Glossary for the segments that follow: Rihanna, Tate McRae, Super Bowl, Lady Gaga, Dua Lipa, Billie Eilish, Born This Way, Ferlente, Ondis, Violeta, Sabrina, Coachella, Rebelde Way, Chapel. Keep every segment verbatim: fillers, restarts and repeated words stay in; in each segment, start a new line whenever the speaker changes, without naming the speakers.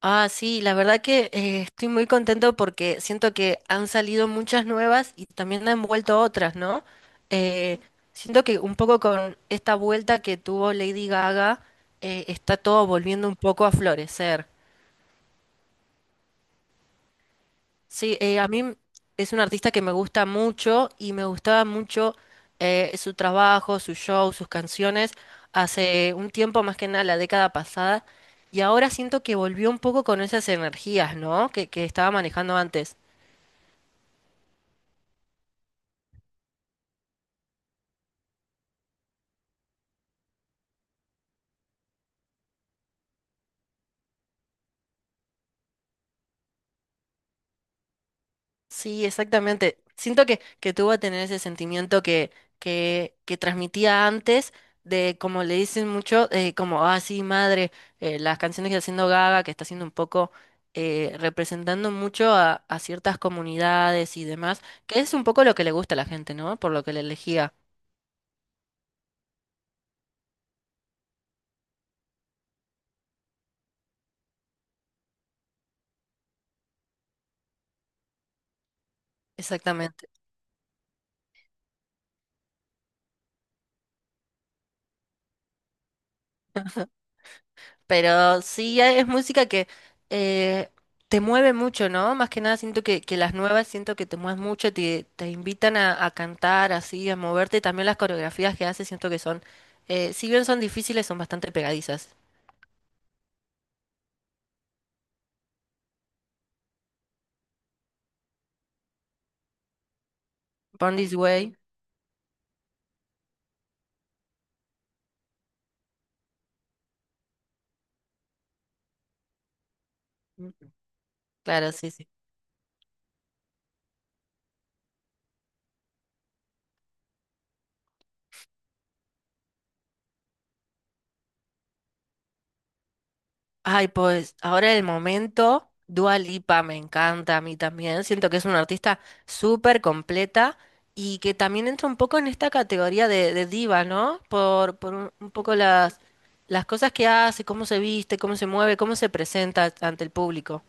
Ah, sí, la verdad que eh, estoy muy contento porque siento que han salido muchas nuevas y también han vuelto otras, ¿no? Eh, Siento que un poco con esta vuelta que tuvo Lady Gaga, eh, está todo volviendo un poco a florecer. Sí, eh, a mí es un artista que me gusta mucho y me gustaba mucho eh, su trabajo, su show, sus canciones, hace un tiempo más que nada la década pasada, y ahora siento que volvió un poco con esas energías, ¿no? Que, que estaba manejando antes. Sí, exactamente. Siento que, que tú vas a tener ese sentimiento que, que, que transmitía antes, de como le dicen mucho, eh, como, ah, sí, madre, eh, las canciones que está haciendo Gaga, que está haciendo un poco, eh, representando mucho a, a ciertas comunidades y demás, que es un poco lo que le gusta a la gente, ¿no? Por lo que le elegía. Exactamente. Pero sí, eh, es música que eh, te mueve mucho, ¿no? Más que nada siento que, que las nuevas siento que te mueves mucho, te, te invitan a, a cantar así, a moverte. También las coreografías que haces siento que son, eh, si bien son difíciles, son bastante pegadizas. Born This Way, claro, sí, sí. Ay, pues ahora el momento, Dua Lipa me encanta a mí también. Siento que es una artista súper completa y que también entra un poco en esta categoría de, de diva, ¿no? Por, por un, un poco las, las cosas que hace, cómo se viste, cómo se mueve, cómo se presenta ante el público.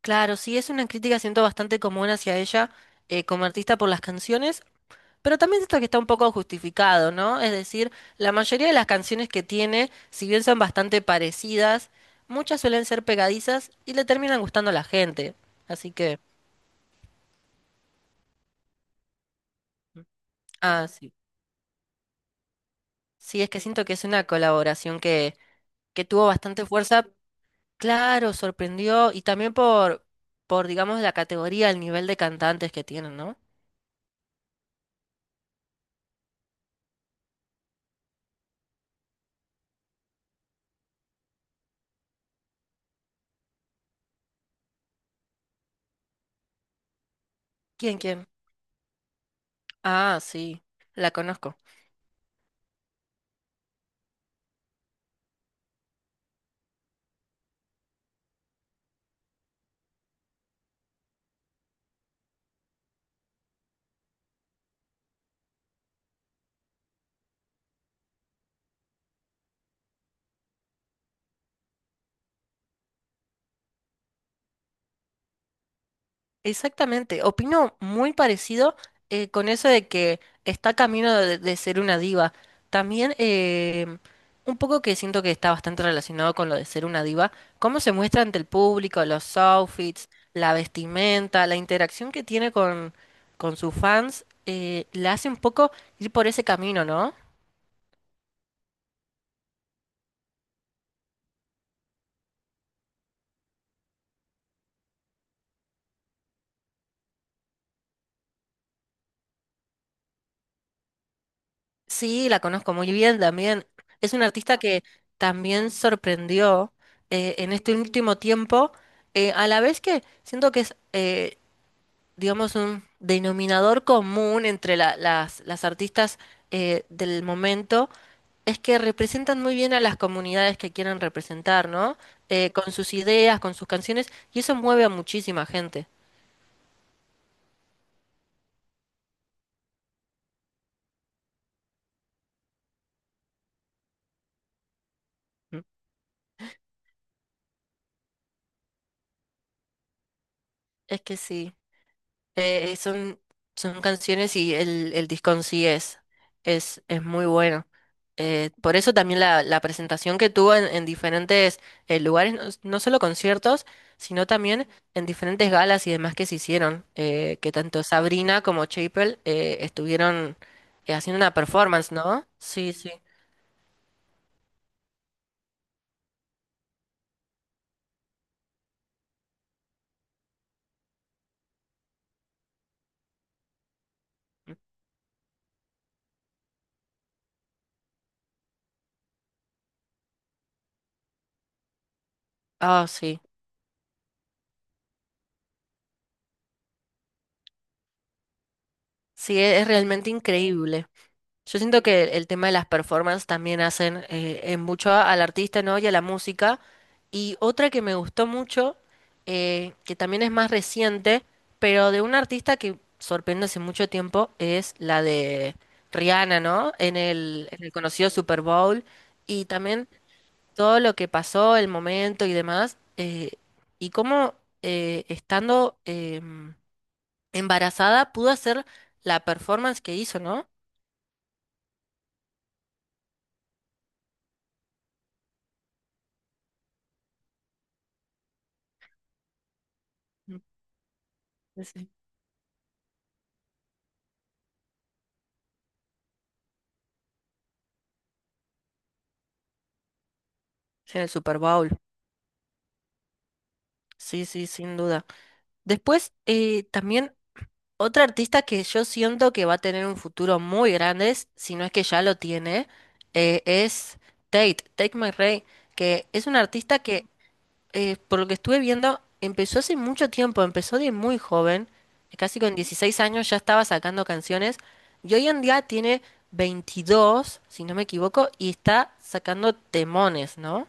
Claro, sí, es una crítica, siento bastante común hacia ella eh, como artista por las canciones, pero también esto que está un poco justificado, ¿no? Es decir, la mayoría de las canciones que tiene, si bien son bastante parecidas, muchas suelen ser pegadizas y le terminan gustando a la gente. Así que, ah, sí. Sí, es que siento que es una colaboración que, que tuvo bastante fuerza. Claro, sorprendió y también por, por, digamos, la categoría, el nivel de cantantes que tienen, ¿no? ¿Quién, quién? Ah, sí, la conozco. Exactamente, opino muy parecido eh, con eso de que está camino de, de ser una diva. También eh, un poco que siento que está bastante relacionado con lo de ser una diva, cómo se muestra ante el público, los outfits, la vestimenta, la interacción que tiene con, con sus fans, eh, la hace un poco ir por ese camino, ¿no? Sí, la conozco muy bien también. Es una artista que también sorprendió eh, en este último tiempo, eh, a la vez que siento que es, eh, digamos, un denominador común entre la- las, las artistas eh, del momento, es que representan muy bien a las comunidades que quieren representar, ¿no? Eh, con sus ideas, con sus canciones, y eso mueve a muchísima gente. Es que sí. Eh, eh, son, son canciones y el, el disco en sí es, es, es muy bueno. Eh, por eso también la, la presentación que tuvo en, en diferentes eh, lugares, no, no solo conciertos, sino también en diferentes galas y demás que se hicieron, eh, que tanto Sabrina como Chapel eh, estuvieron eh, haciendo una performance, ¿no? Sí, sí. Ah, sí. Sí, e- es realmente increíble. Yo siento que el tema de las performances también hacen eh, en mucho al artista, ¿no? Y a la música. Y otra que me gustó mucho, eh, que también es más reciente, pero de un artista que sorprende hace mucho tiempo, es la de Rihanna, ¿no? En el, en el conocido Super Bowl. Y también todo lo que pasó, el momento y demás. Eh, y cómo eh, estando em, embarazada pudo hacer la performance que hizo, ¿no? Mm, sí, sí. Sí, en el Super Bowl. Sí, sí, sin duda. Después, eh, también otra artista que yo siento que va a tener un futuro muy grande, es- si no es que ya lo tiene, eh, es Tate, Tate McRae, que es una artista que, eh, por lo que estuve viendo, empezó hace mucho tiempo, empezó de muy joven, casi con dieciséis años ya estaba sacando canciones, y hoy en día tiene veintidós si no me equivoco, y está sacando temones, ¿no?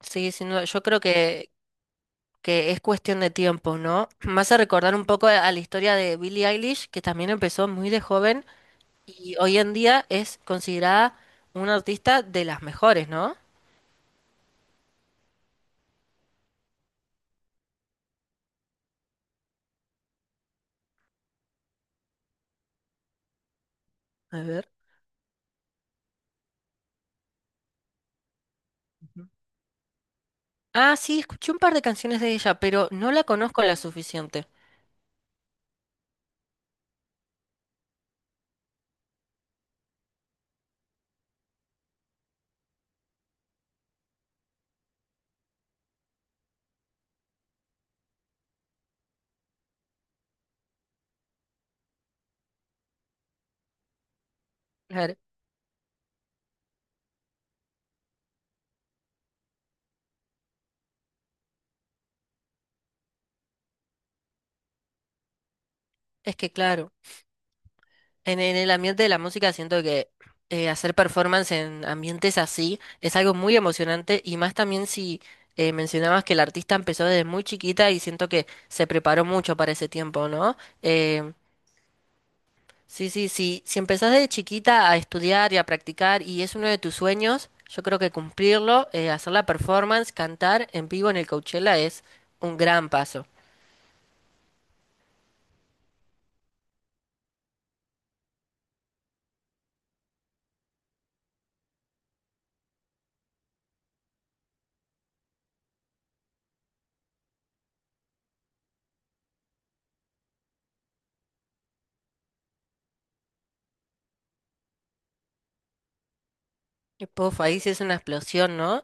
Sí, sin duda, yo creo que, que es cuestión de tiempo, ¿no? Me hace recordar un poco a la historia de Billie Eilish, que también empezó muy de joven y hoy en día es considerada una artista de las mejores, ¿no? A ver. Ujú. Ah, sí, escuché un par de canciones de ella, pero no la conozco la suficiente. Claro. Es que claro. En, en el ambiente de la música siento que eh, hacer performance en ambientes así es algo muy emocionante y más también si eh, mencionabas que el artista empezó desde muy chiquita y siento que se preparó mucho para ese tiempo, ¿no? Eh, sí, sí, sí. Si empezás desde chiquita a estudiar y a practicar y es uno de tus sueños, yo creo que cumplirlo, eh, hacer la performance, cantar en vivo en el Coachella es un gran paso. Y, puf, ahí sí es una explosión, ¿no?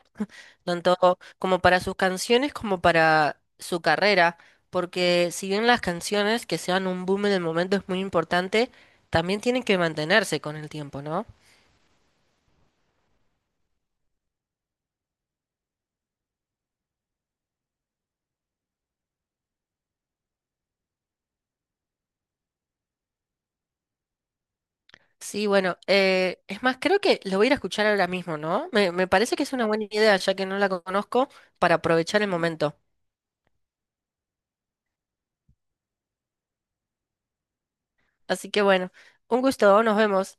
Tanto como para sus canciones como para su carrera, porque si bien las canciones que sean un boom en el momento es muy importante, también tienen que mantenerse con el tiempo, ¿no? Sí, bueno, eh, es más, creo que lo voy a ir a escuchar ahora mismo, ¿no? Me, me parece que es una buena idea, ya que no la conozco, para aprovechar el momento. Así que bueno, un gusto, nos vemos.